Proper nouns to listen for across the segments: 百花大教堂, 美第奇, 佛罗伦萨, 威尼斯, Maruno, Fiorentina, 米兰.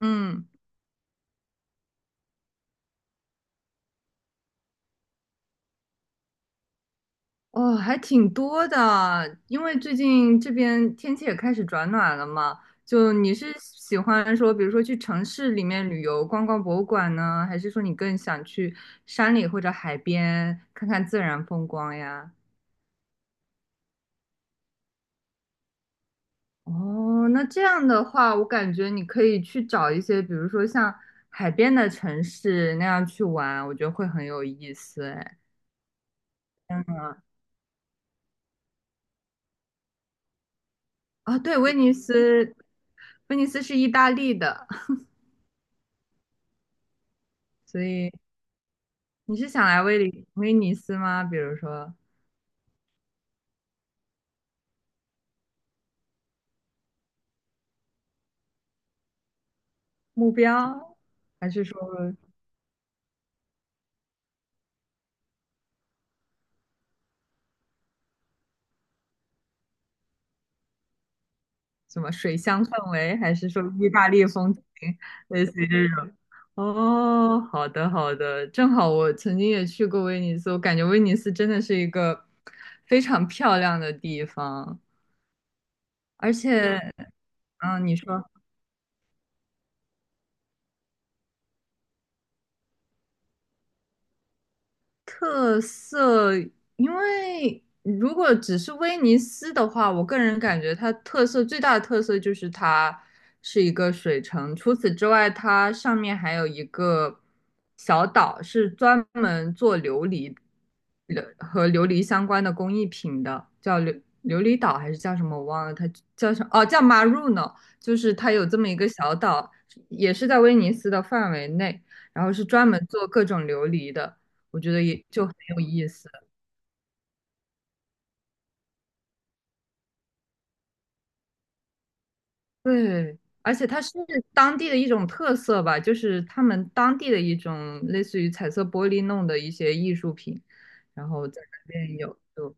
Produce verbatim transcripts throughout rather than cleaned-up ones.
嗯，哦，还挺多的，因为最近这边天气也开始转暖了嘛。就你是喜欢说，比如说去城市里面旅游，逛逛博物馆呢，还是说你更想去山里或者海边看看自然风光呀？哦，那这样的话，我感觉你可以去找一些，比如说像海边的城市那样去玩，我觉得会很有意思。哎，啊，对，威尼斯，威尼斯是意大利的，所以。你是想来威尼威尼斯吗？比如说目标，还是说什么水乡氛围，还是说意大利风情，类似于这种？哦，好的好的，正好我曾经也去过威尼斯，我感觉威尼斯真的是一个非常漂亮的地方。而且，嗯，你说。特色，因为如果只是威尼斯的话，我个人感觉它特色最大的特色就是它是一个水城。除此之外，它上面还有一个小岛，是专门做琉璃琉和琉璃相关的工艺品的，叫琉琉璃岛还是叫什么我忘了，它叫什么？哦，叫 Maruno,就是它有这么一个小岛，也是在威尼斯的范围内，然后是专门做各种琉璃的。我觉得也就很有意思。对，而且它是当地的一种特色吧，就是他们当地的一种类似于彩色玻璃弄的一些艺术品，然后在那边有就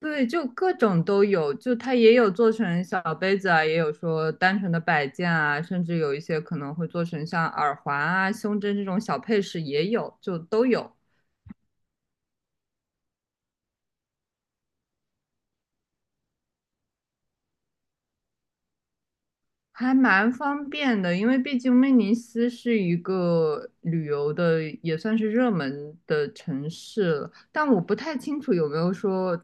对，就各种都有，就它也有做成小杯子啊，也有说单纯的摆件啊，甚至有一些可能会做成像耳环啊、胸针这种小配饰也有，就都有。还蛮方便的，因为毕竟威尼斯是一个旅游的，也算是热门的城市了。但我不太清楚有没有说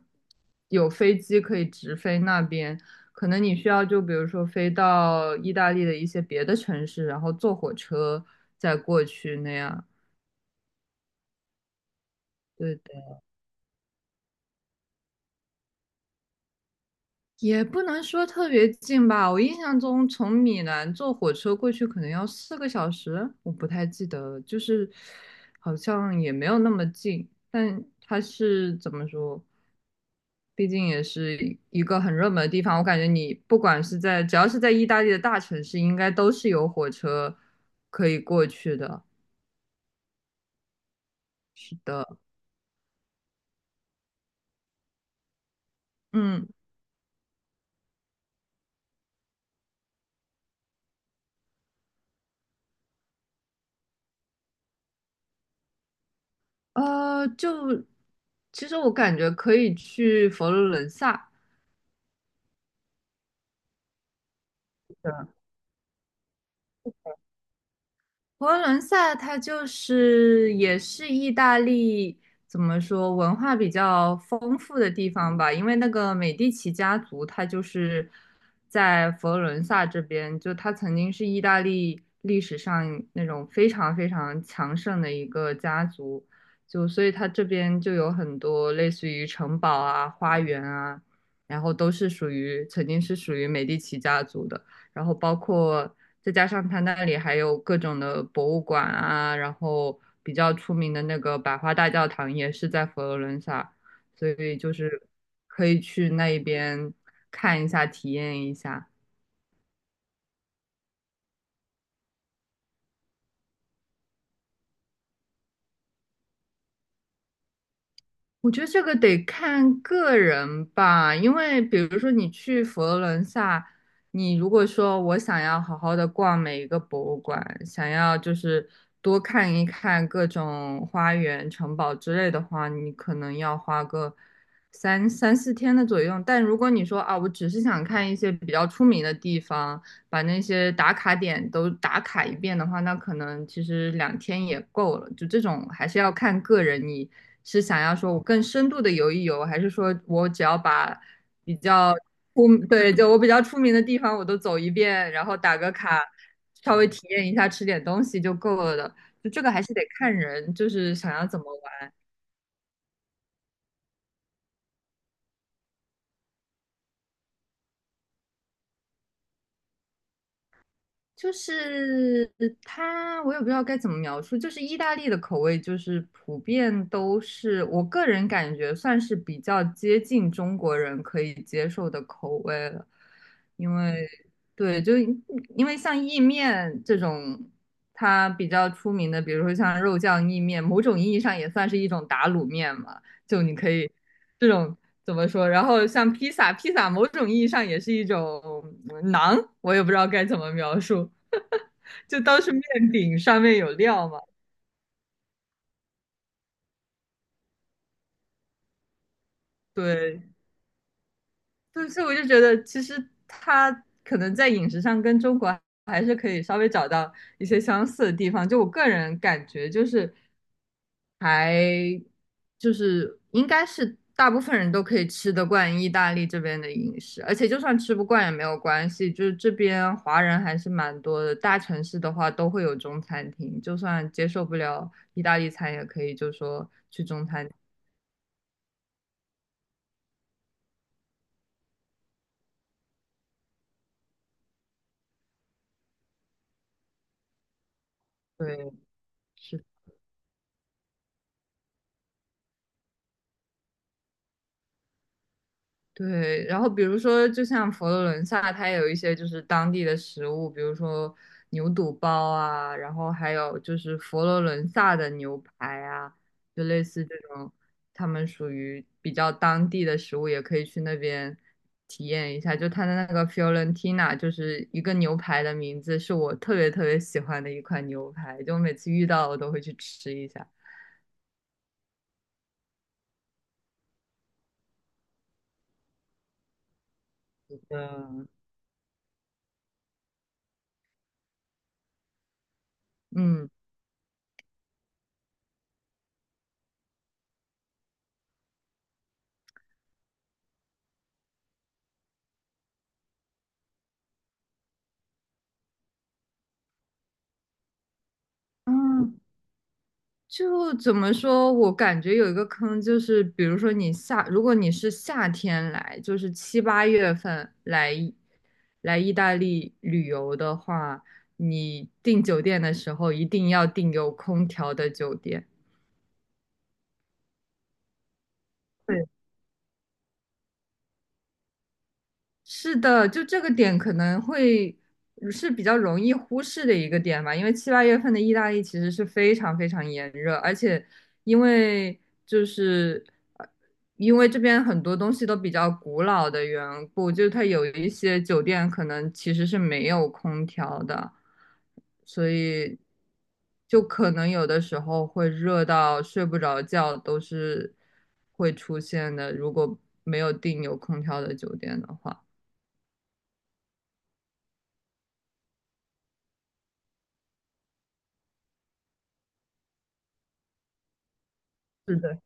有飞机可以直飞那边，可能你需要就比如说飞到意大利的一些别的城市，然后坐火车再过去那样。对。也不能说特别近吧，我印象中从米兰坐火车过去可能要四个小时，我不太记得了，就是好像也没有那么近，但它是怎么说？毕竟也是一个很热门的地方，我感觉你不管是在只要是在意大利的大城市，应该都是有火车可以过去的。是的，嗯，呃，就其实我感觉可以去佛罗伦萨。佛罗伦萨它就是也是意大利怎么说文化比较丰富的地方吧，因为那个美第奇家族，它就是在佛罗伦萨这边，就它曾经是意大利历史上那种非常非常强盛的一个家族，就所以它这边就有很多类似于城堡啊、花园啊，然后都是属于曾经是属于美第奇家族的。然后包括再加上它那里还有各种的博物馆啊，然后比较出名的那个百花大教堂也是在佛罗伦萨，所以就是可以去那一边看一下，体验一下。我觉得这个得看个人吧，因为比如说你去佛罗伦萨，你如果说我想要好好的逛每一个博物馆，想要就是多看一看各种花园、城堡之类的话，你可能要花个三三四天的左右。但如果你说啊，我只是想看一些比较出名的地方，把那些打卡点都打卡一遍的话，那可能其实两天也够了。就这种还是要看个人你。是想要说我更深度的游一游，还是说我只要把比较出，对，就我比较出名的地方我都走一遍，然后打个卡，稍微体验一下，吃点东西就够了的。就这个还是得看人，就是想要怎么玩。就是它，我也不知道该怎么描述。就是意大利的口味，就是普遍都是我个人感觉算是比较接近中国人可以接受的口味了。因为对，就因为像意面这种，它比较出名的，比如说像肉酱意面，某种意义上也算是一种打卤面嘛。就你可以这种。怎么说？然后像披萨，披萨某种意义上也是一种馕，我也不知道该怎么描述。就当是面饼上面有料嘛。对，对，所以我就觉得，其实他可能在饮食上跟中国还是可以稍微找到一些相似的地方。就我个人感觉，就是还就是应该是大部分人都可以吃得惯意大利这边的饮食，而且就算吃不惯也没有关系，就是这边华人还是蛮多的，大城市的话都会有中餐厅，就算接受不了意大利餐，也可以就说去中餐厅。对，是，对，然后比如说，就像佛罗伦萨，它有一些就是当地的食物，比如说牛肚包啊，然后还有就是佛罗伦萨的牛排啊，就类似这种，他们属于比较当地的食物，也可以去那边体验一下。就它的那个 Fiorentina,就是一个牛排的名字，是我特别特别喜欢的一款牛排，就每次遇到我都会去吃一下。嗯嗯。嗯就怎么说，我感觉有一个坑，就是比如说你夏，如果你是夏天来，就是七八月份来来意大利旅游的话，你订酒店的时候一定要订有空调的酒店。对。是的，就这个点可能会是比较容易忽视的一个点吧，因为七八月份的意大利其实是非常非常炎热，而且因为就是呃因为这边很多东西都比较古老的缘故，就是它有一些酒店可能其实是没有空调的，所以就可能有的时候会热到睡不着觉都是会出现的，如果没有订有空调的酒店的话。是的，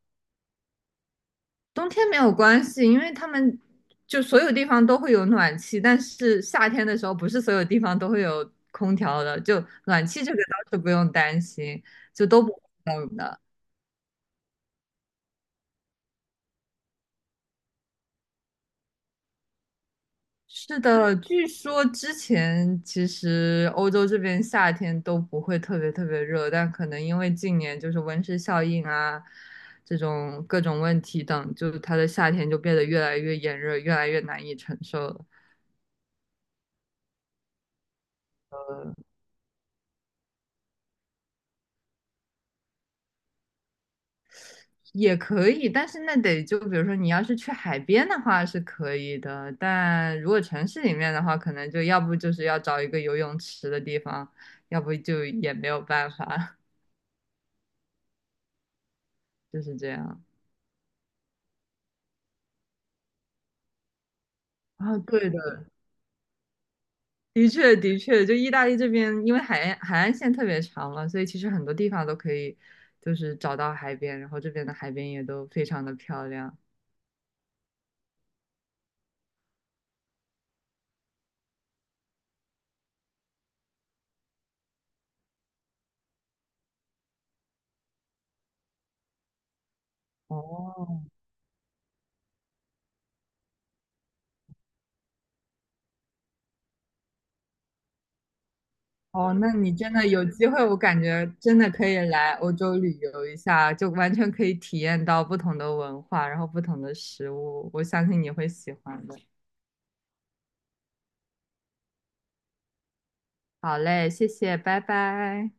冬天没有关系，因为他们就所有地方都会有暖气，但是夏天的时候不是所有地方都会有空调的，就暖气这个倒是不用担心，就都不会冷的。是的，据说之前其实欧洲这边夏天都不会特别特别热，但可能因为近年就是温室效应啊，这种各种问题等，就是它的夏天就变得越来越炎热，越来越难以承受了。也可以，但是那得就比如说你要是去海边的话是可以的，但如果城市里面的话，可能就要不就是要找一个游泳池的地方，要不就也没有办法，就是这样。啊，对的，的确的确，就意大利这边，因为海岸海岸线特别长嘛，所以其实很多地方都可以，就是找到海边，然后这边的海边也都非常的漂亮。哦，哦，那你真的有机会，我感觉真的可以来欧洲旅游一下，就完全可以体验到不同的文化，然后不同的食物，我相信你会喜欢的。好嘞，谢谢，拜拜。